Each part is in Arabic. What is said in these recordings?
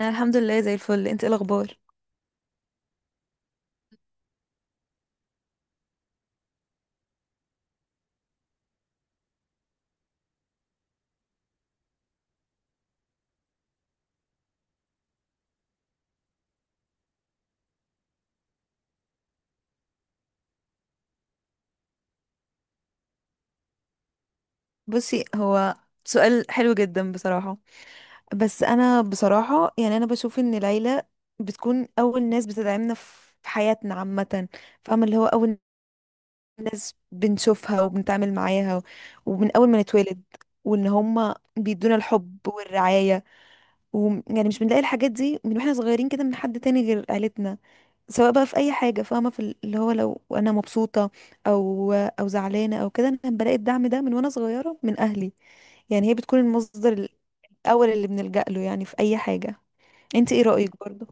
أنا الحمد لله زي الفل. انت ايه الاخبار؟ بصي هو سؤال حلو جدا بصراحة. بس انا بصراحة يعني انا بشوف ان العيلة بتكون اول ناس بتدعمنا في حياتنا عامة. فاهمة اللي هو اول بنشوفها وبنتعامل معاها ومن اول ما نتولد، وان هما بيدونا الحب والرعاية. ويعني مش بنلاقي الحاجات دي من واحنا صغيرين كده من حد تاني غير عيلتنا، سواء بقى في اي حاجه. فاهمه في اللي هو لو انا مبسوطه او زعلانه او كده، انا بلاقي الدعم ده من وانا صغيره من اهلي. يعني هي بتكون المصدر الاول اللي بنلجأ له يعني في اي حاجه. انت ايه رأيك برضو؟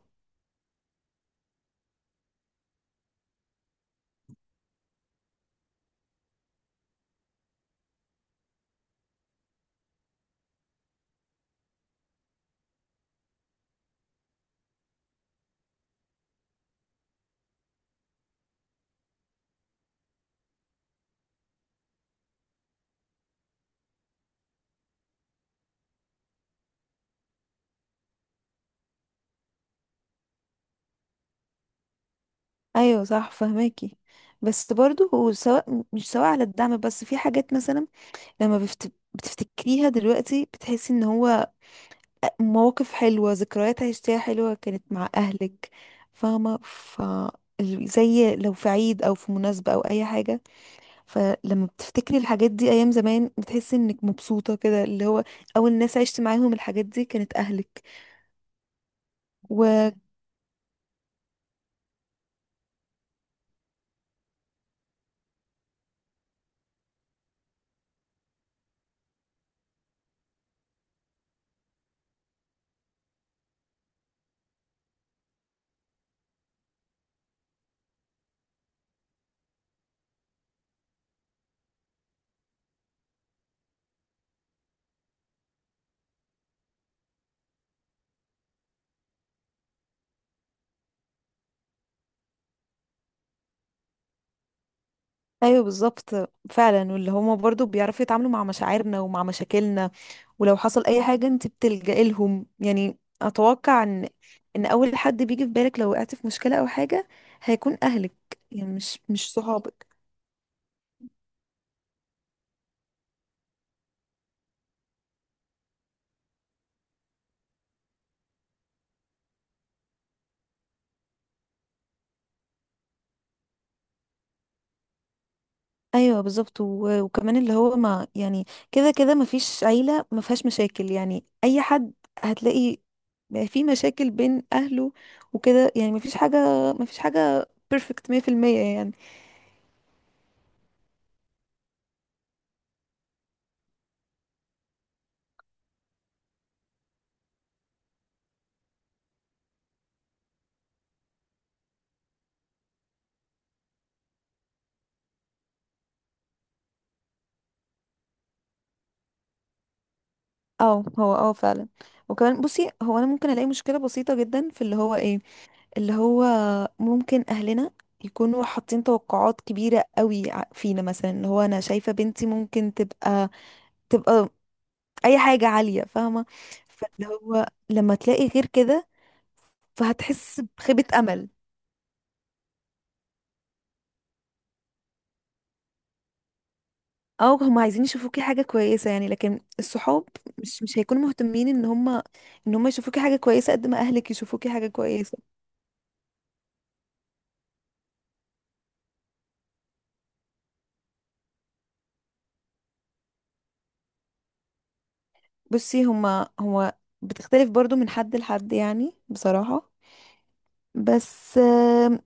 ايوه صح فهماكي. بس برضو مش سواء على الدعم، بس في حاجات مثلا لما بتفتكريها دلوقتي بتحسي ان هو مواقف حلوه ذكريات عشتيها حلوه كانت مع اهلك. فاهمه زي لو في عيد او في مناسبه او اي حاجه، فلما بتفتكري الحاجات دي ايام زمان بتحسي انك مبسوطه كده، اللي هو اول ناس عشت معاهم الحاجات دي كانت اهلك. و ايوه بالظبط. فعلا واللي هما برضو بيعرفوا يتعاملوا مع مشاعرنا ومع مشاكلنا. ولو حصل اي حاجه انت بتلجئي لهم، يعني اتوقع ان اول حد بيجي في بالك لو وقعت في مشكله او حاجه هيكون اهلك. يعني مش صحابك. ايوه بالظبط وكمان اللي هو ما يعني، كده كده ما فيش عيله ما فيهاش مشاكل، يعني اي حد هتلاقي في مشاكل بين اهله وكده. يعني ما فيش حاجه بيرفكت 100%، يعني. اه هو اه فعلا. وكمان بصي هو انا ممكن الاقي مشكله بسيطه جدا في اللي هو ايه، اللي هو ممكن اهلنا يكونوا حاطين توقعات كبيره قوي فينا مثلا. اللي هو انا شايفه بنتي ممكن تبقى اي حاجة عالية، فاهمة؟ فاللي هو لما تلاقي غير كده فهتحس بخيبة امل. او هم عايزين يشوفوكي حاجة كويسة يعني، لكن الصحاب مش هيكونوا مهتمين ان هم يشوفوكي حاجة كويسة قد ما اهلك يشوفوكي حاجة كويسة. بصي هما هو بتختلف برضو من حد لحد يعني بصراحة. بس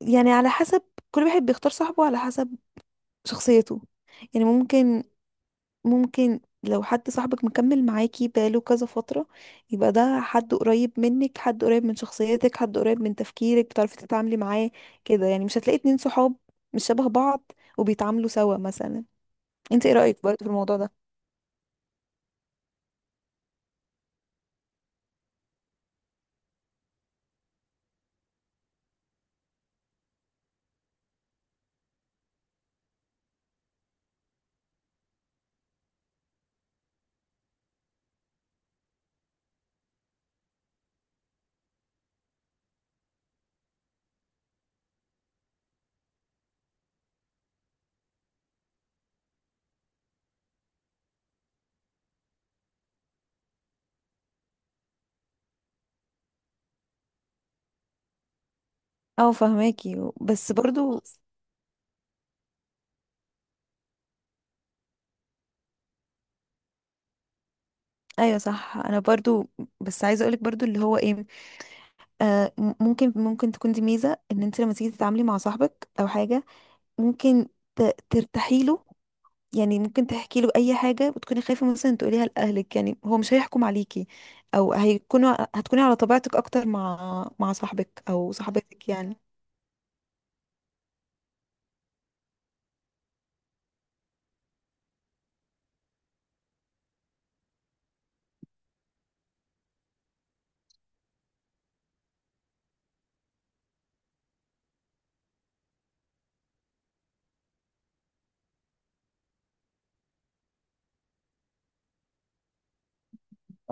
يعني على حسب، كل واحد بيختار صاحبه على حسب شخصيته. يعني ممكن لو حد صاحبك مكمل معاكي بقاله كذا فترة يبقى ده حد قريب منك، حد قريب من شخصيتك، حد قريب من تفكيرك، بتعرفي تتعاملي معاه كده. يعني مش هتلاقي اتنين صحاب مش شبه بعض وبيتعاملوا سوا مثلا. انت ايه رأيك برضه في الموضوع ده؟ اه فهماكي. بس برضو ايوه صح انا برضو. بس عايزه اقولك برضو اللي هو ايه، آه ممكن تكون دي ميزه ان انت لما تيجي تتعاملي مع صاحبك او حاجه ممكن ترتاحيله. يعني ممكن تحكي له اي حاجه وتكوني خايفه مثلا تقوليها لاهلك، يعني هو مش هيحكم عليكي. او هيكونوا هتكوني على طبيعتك اكتر مع صاحبك او صاحبتك يعني.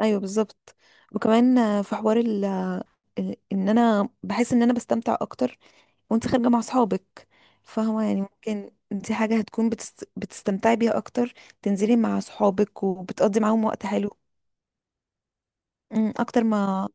ايوه بالظبط. وكمان في حوار ان انا بحس ان انا بستمتع اكتر وانت خارجه مع صحابك. فاهمه؟ يعني ممكن دي حاجه هتكون بتستمتعي بيها اكتر، تنزلي مع صحابك وبتقضي معاهم وقت حلو اكتر ما.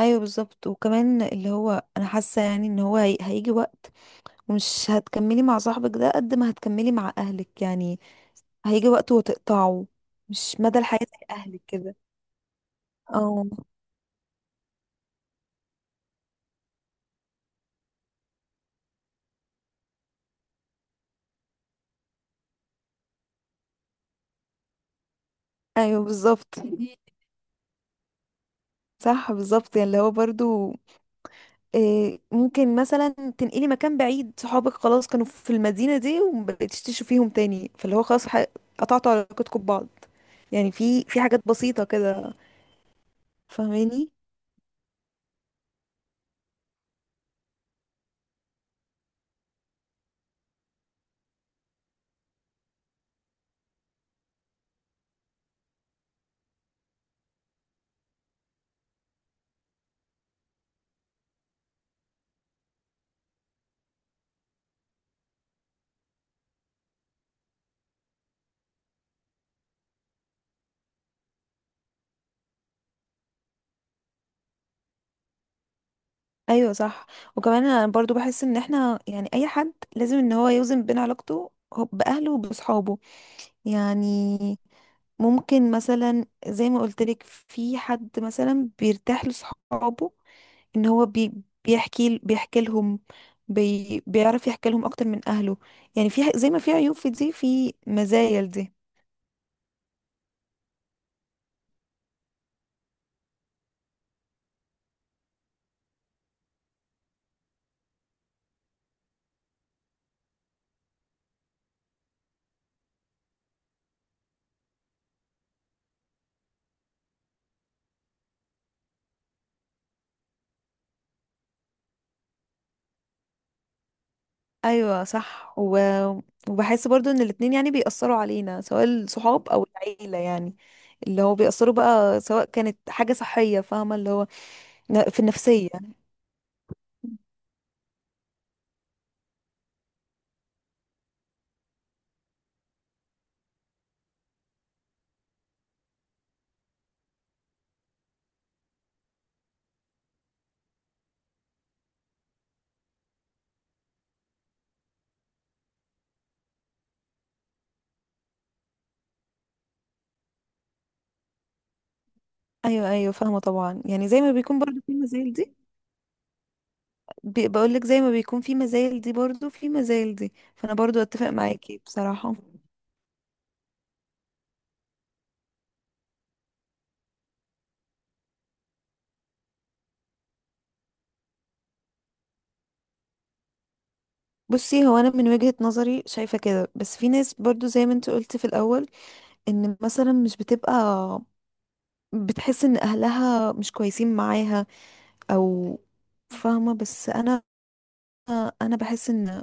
ايوه بالظبط. وكمان اللي هو انا حاسه يعني ان هو هيجي وقت مش هتكملي مع صاحبك ده قد ما هتكملي مع اهلك، يعني هيجي وقت وتقطعه. مش مدى الحياة زي اهلك كده. اه ايوه بالظبط. صح بالظبط. يعني اللي هو برضو إيه، ممكن مثلا تنقلي مكان بعيد، صحابك خلاص كانوا في المدينة دي ومبقتيش تشوفيهم تاني، فاللي هو خلاص قطعتوا علاقتكم ببعض. يعني في حاجات بسيطة كده، فاهماني؟ ايوه صح. وكمان انا برضو بحس ان احنا يعني اي حد لازم ان هو يوزن بين علاقته باهله وبصحابه. يعني ممكن مثلا زي ما قلت لك في حد مثلا بيرتاح لصحابه ان هو بيحكي لهم، بيعرف يحكي لهم اكتر من اهله. يعني في زي ما في عيوب في دي في مزايا دي. ايوه صح وبحس برضو ان الاتنين يعني بيأثروا علينا سواء الصحاب او العيلة، يعني اللي هو بيأثروا بقى سواء كانت حاجة صحية، فاهمة اللي هو في النفسية. ايوه ايوه فاهمة طبعا. يعني زي ما بيكون برضو في مزايا، بقولك زي ما بيكون في مزايل دي برضو في مزايل دي، فانا برضو اتفق معاكي بصراحة. بصي هو انا من وجهة نظري شايفة كده. بس في ناس برضو زي ما انت قلت في الاول ان مثلا مش بتبقى بتحس ان اهلها مش كويسين معاها او، فاهمة؟ بس انا بحس ان.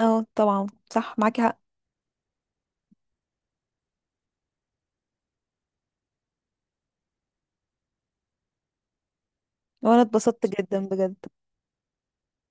اه طبعا. صح معاكي حق. وانا اتبسطت جدا بجد.